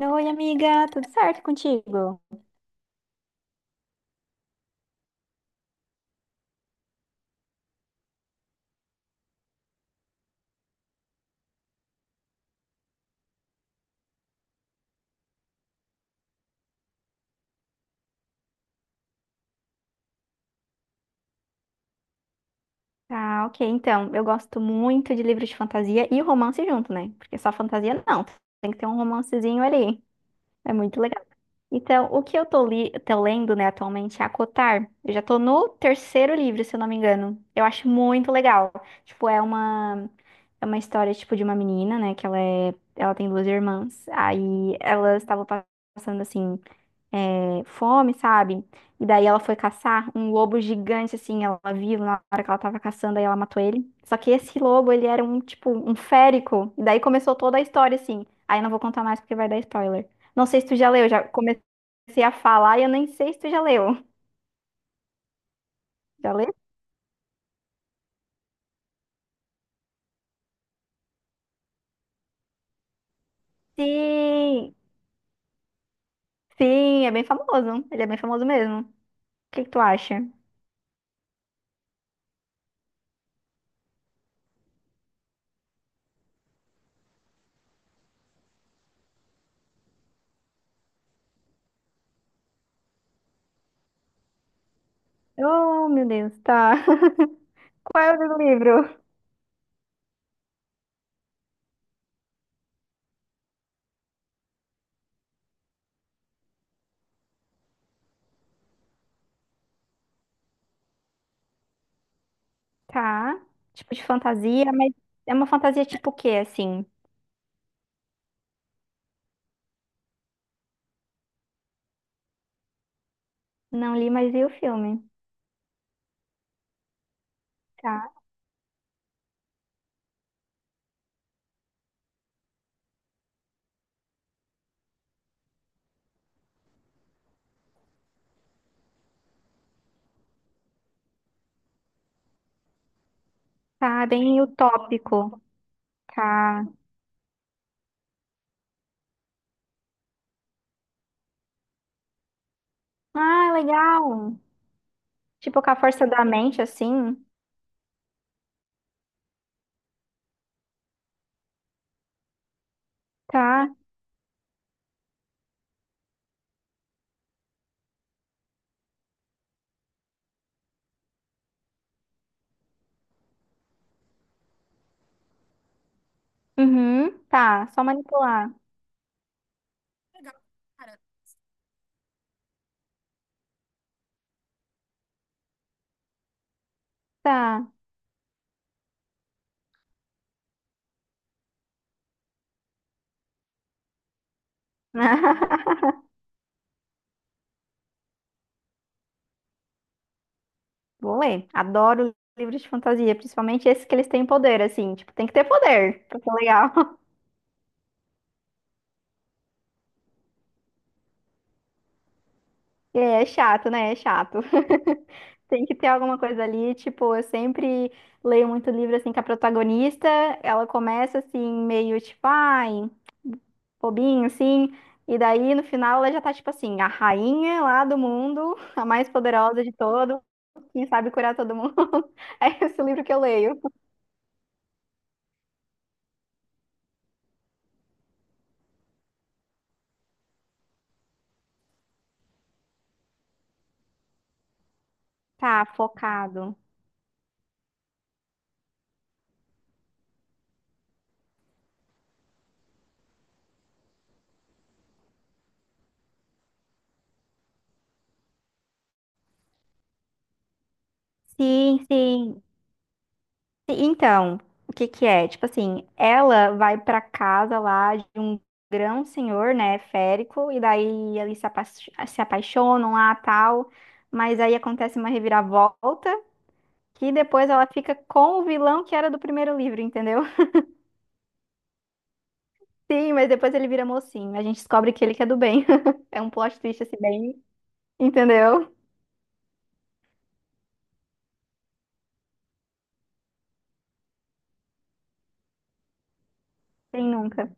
Oi, amiga, tudo certo contigo? Ah, ok, então, eu gosto muito de livros de fantasia e romance junto, né? Porque só fantasia não, tem que ter um romancezinho ali. É muito legal. Então, o que eu tô lendo, né, atualmente é Acotar. Eu já tô no terceiro livro, se eu não me engano. Eu acho muito legal. Tipo, é uma história tipo de uma menina, né, que ela tem duas irmãs. Aí elas estavam passando assim fome, sabe? E daí ela foi caçar um lobo gigante, assim, ela viu na hora que ela tava caçando, aí ela matou ele. Só que esse lobo, ele era um, tipo, um férico. E daí começou toda a história, assim. Aí não vou contar mais porque vai dar spoiler. Não sei se tu já leu, já comecei a falar e eu nem sei se tu já leu. Já leu? Sim! Sim, é bem famoso. Ele é bem famoso mesmo. O que que tu acha? Oh, meu Deus, tá. Qual é o livro? Tá. Tipo de fantasia, mas é uma fantasia tipo o quê, assim? Não li, mas vi o filme. Tá. Tá bem utópico. Tá. Ah, legal. Tipo, com a força da mente, assim. Tá. Uhum. Tá. Só manipular. Legal, cara. Tá. Vou ler. Adoro livros de fantasia, principalmente esses que eles têm poder, assim. Tipo, tem que ter poder pra ser legal. É, é chato, né? É chato. Tem que ter alguma coisa ali. Tipo, eu sempre leio muito livro, assim, que a protagonista, ela começa, assim, meio tipo, ai, bobinho, assim. E daí, no final, ela já tá, tipo assim, a rainha lá do mundo, a mais poderosa de todo, quem sabe curar todo mundo. É esse o livro que eu leio. Tá, focado. Sim, sim. Então, o que que é? Tipo assim, ela vai pra casa lá de um grão senhor, né, férico, e daí eles se apaixonam lá, tal, mas aí acontece uma reviravolta, que depois ela fica com o vilão que era do primeiro livro, entendeu? Sim, mas depois ele vira mocinho. A gente descobre que ele que é do bem. É um plot twist assim, bem. Entendeu? Quem nunca?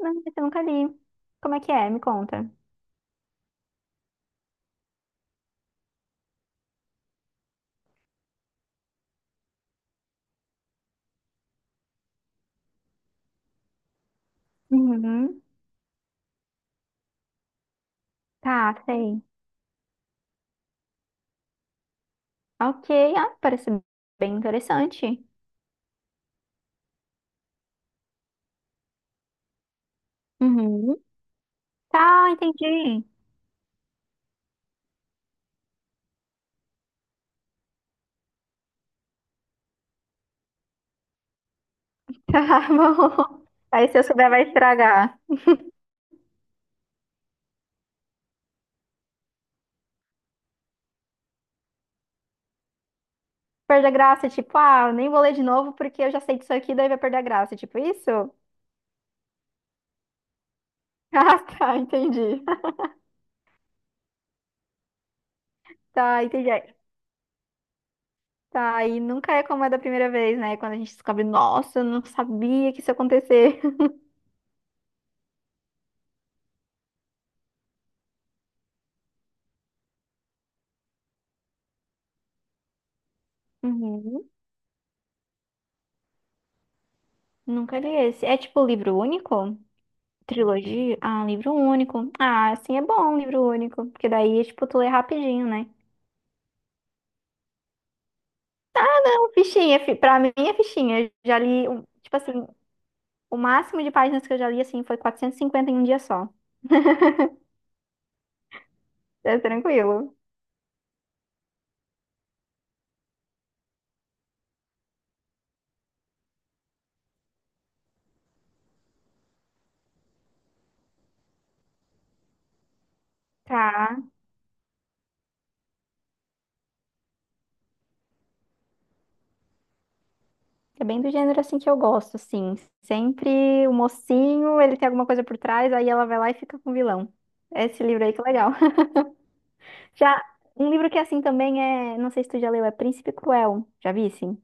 Não, esse eu nunca li. Como é que é? Me conta. Uhum. Tá, sei. Ok, ah, parece bem interessante. Uhum. Tá, entendi. Tá bom. Aí se eu souber, vai estragar. Perde a graça, tipo, ah, eu nem vou ler de novo porque eu já sei disso aqui, daí vai perder a graça. Tipo, isso? Ah, tá, entendi. Tá, entendi. Tá, e nunca é como é da primeira vez, né? Quando a gente descobre, nossa, eu não sabia que isso ia acontecer. Uhum. Nunca li esse. É tipo livro único? Trilogia? Ah, livro único. Ah, assim é bom, um livro único. Porque daí, é, tipo, tu lê rapidinho, né? Então, fichinha, pra mim é fichinha. Eu já li, um- tipo assim, o máximo de páginas que eu já li, assim, foi 450 em um dia só. É tranquilo. Tá. É bem do gênero assim que eu gosto, sim. Sempre o mocinho, ele tem alguma coisa por trás, aí ela vai lá e fica com o vilão. Esse livro aí que é legal. Já um livro que é assim também é, não sei se tu já leu, é Príncipe Cruel. Já vi, sim.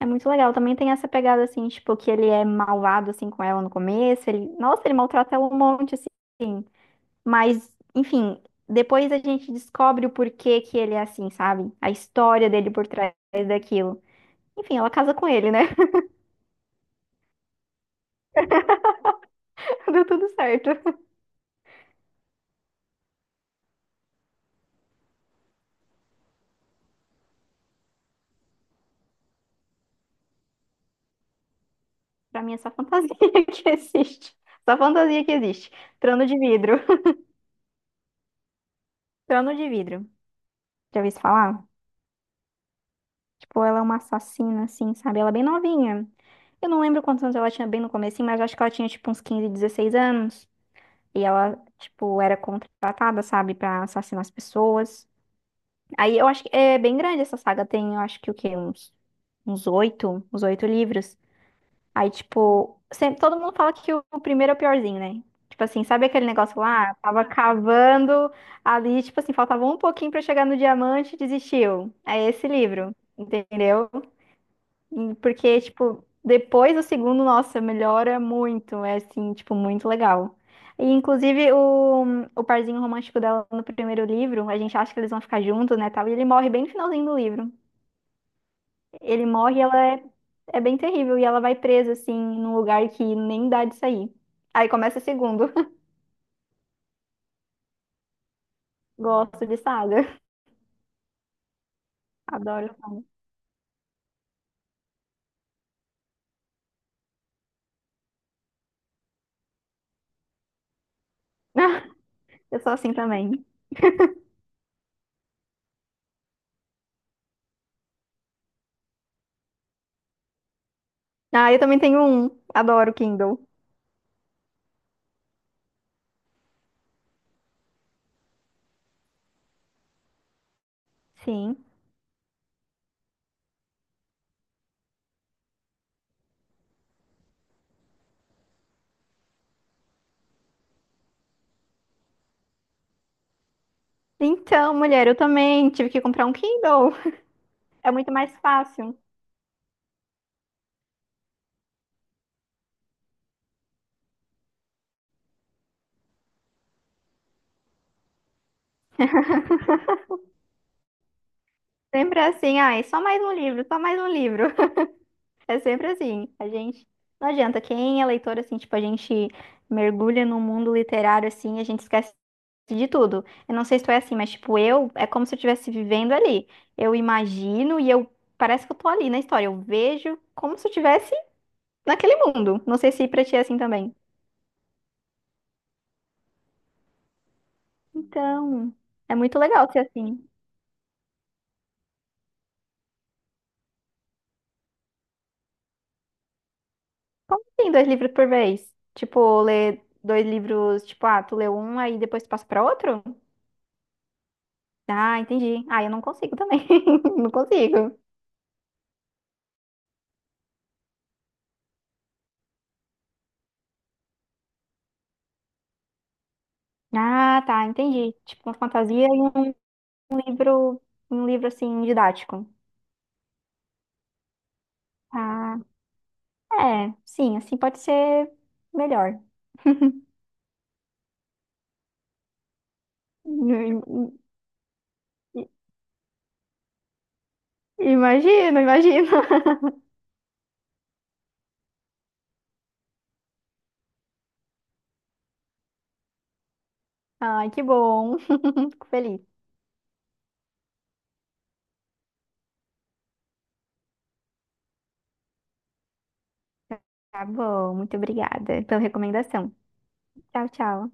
É muito legal. Também tem essa pegada assim, tipo, que ele é malvado assim com ela no começo, ele, nossa, ele maltrata ela um monte assim. Mas, enfim, depois a gente descobre o porquê que ele é assim, sabe? A história dele por trás daquilo. Enfim, ela casa com ele, né? Deu tudo certo. Pra mim é só fantasia que existe. Só fantasia que existe. Trono de vidro. Trono de vidro. Já ouviu isso falar? Tipo, ela é uma assassina, assim, sabe? Ela é bem novinha. Eu não lembro quantos anos ela tinha bem no comecinho, mas acho que ela tinha, tipo, uns 15 16 anos. E ela, tipo, era contratada, sabe? Pra assassinar as pessoas. Aí eu acho que é bem grande essa saga. Tem, eu acho que o quê? Uns oito livros. Aí, tipo, sempre, todo mundo fala que o primeiro é o piorzinho, né? Tipo assim, sabe aquele negócio lá? Tava cavando ali, tipo assim, faltava um pouquinho pra chegar no diamante e desistiu. É esse livro, entendeu? E porque, tipo, depois do segundo, nossa, melhora muito. É assim, tipo, muito legal. E, inclusive, o, parzinho romântico dela no primeiro livro, a gente acha que eles vão ficar juntos, né, tal, e ele morre bem no finalzinho do livro. Ele morre, e ela é bem terrível e ela vai presa assim num lugar que nem dá de sair. Aí começa o segundo. Gosto de saga. Adoro saga. Eu sou assim também. Ah, eu também tenho um. Adoro Kindle. Sim. Então, mulher, eu também tive que comprar um Kindle. É muito mais fácil. Sempre é assim, ai, só mais um livro, só mais um livro. É sempre assim. A gente. Não adianta. Quem é leitor, assim, tipo, a gente mergulha no mundo literário, assim, a gente esquece de tudo. Eu não sei se tu é assim, mas, tipo, eu. É como se eu estivesse vivendo ali. Eu imagino e eu. Parece que eu tô ali na história. Eu vejo como se eu estivesse naquele mundo. Não sei se pra ti é assim também. Então. É muito legal ser assim. Como assim, dois livros por vez? Tipo, ler dois livros. Tipo, ah, tu lê um, aí depois tu passa pra outro? Ah, entendi. Ah, eu não consigo também. Não consigo. Ah, tá, entendi. Tipo uma fantasia e um livro, um livro assim didático. Ah, é, sim, assim pode ser melhor. I- i- Imagino, imagino. Ai, que bom. Fico feliz. Tá bom, muito obrigada pela recomendação. Tchau, tchau.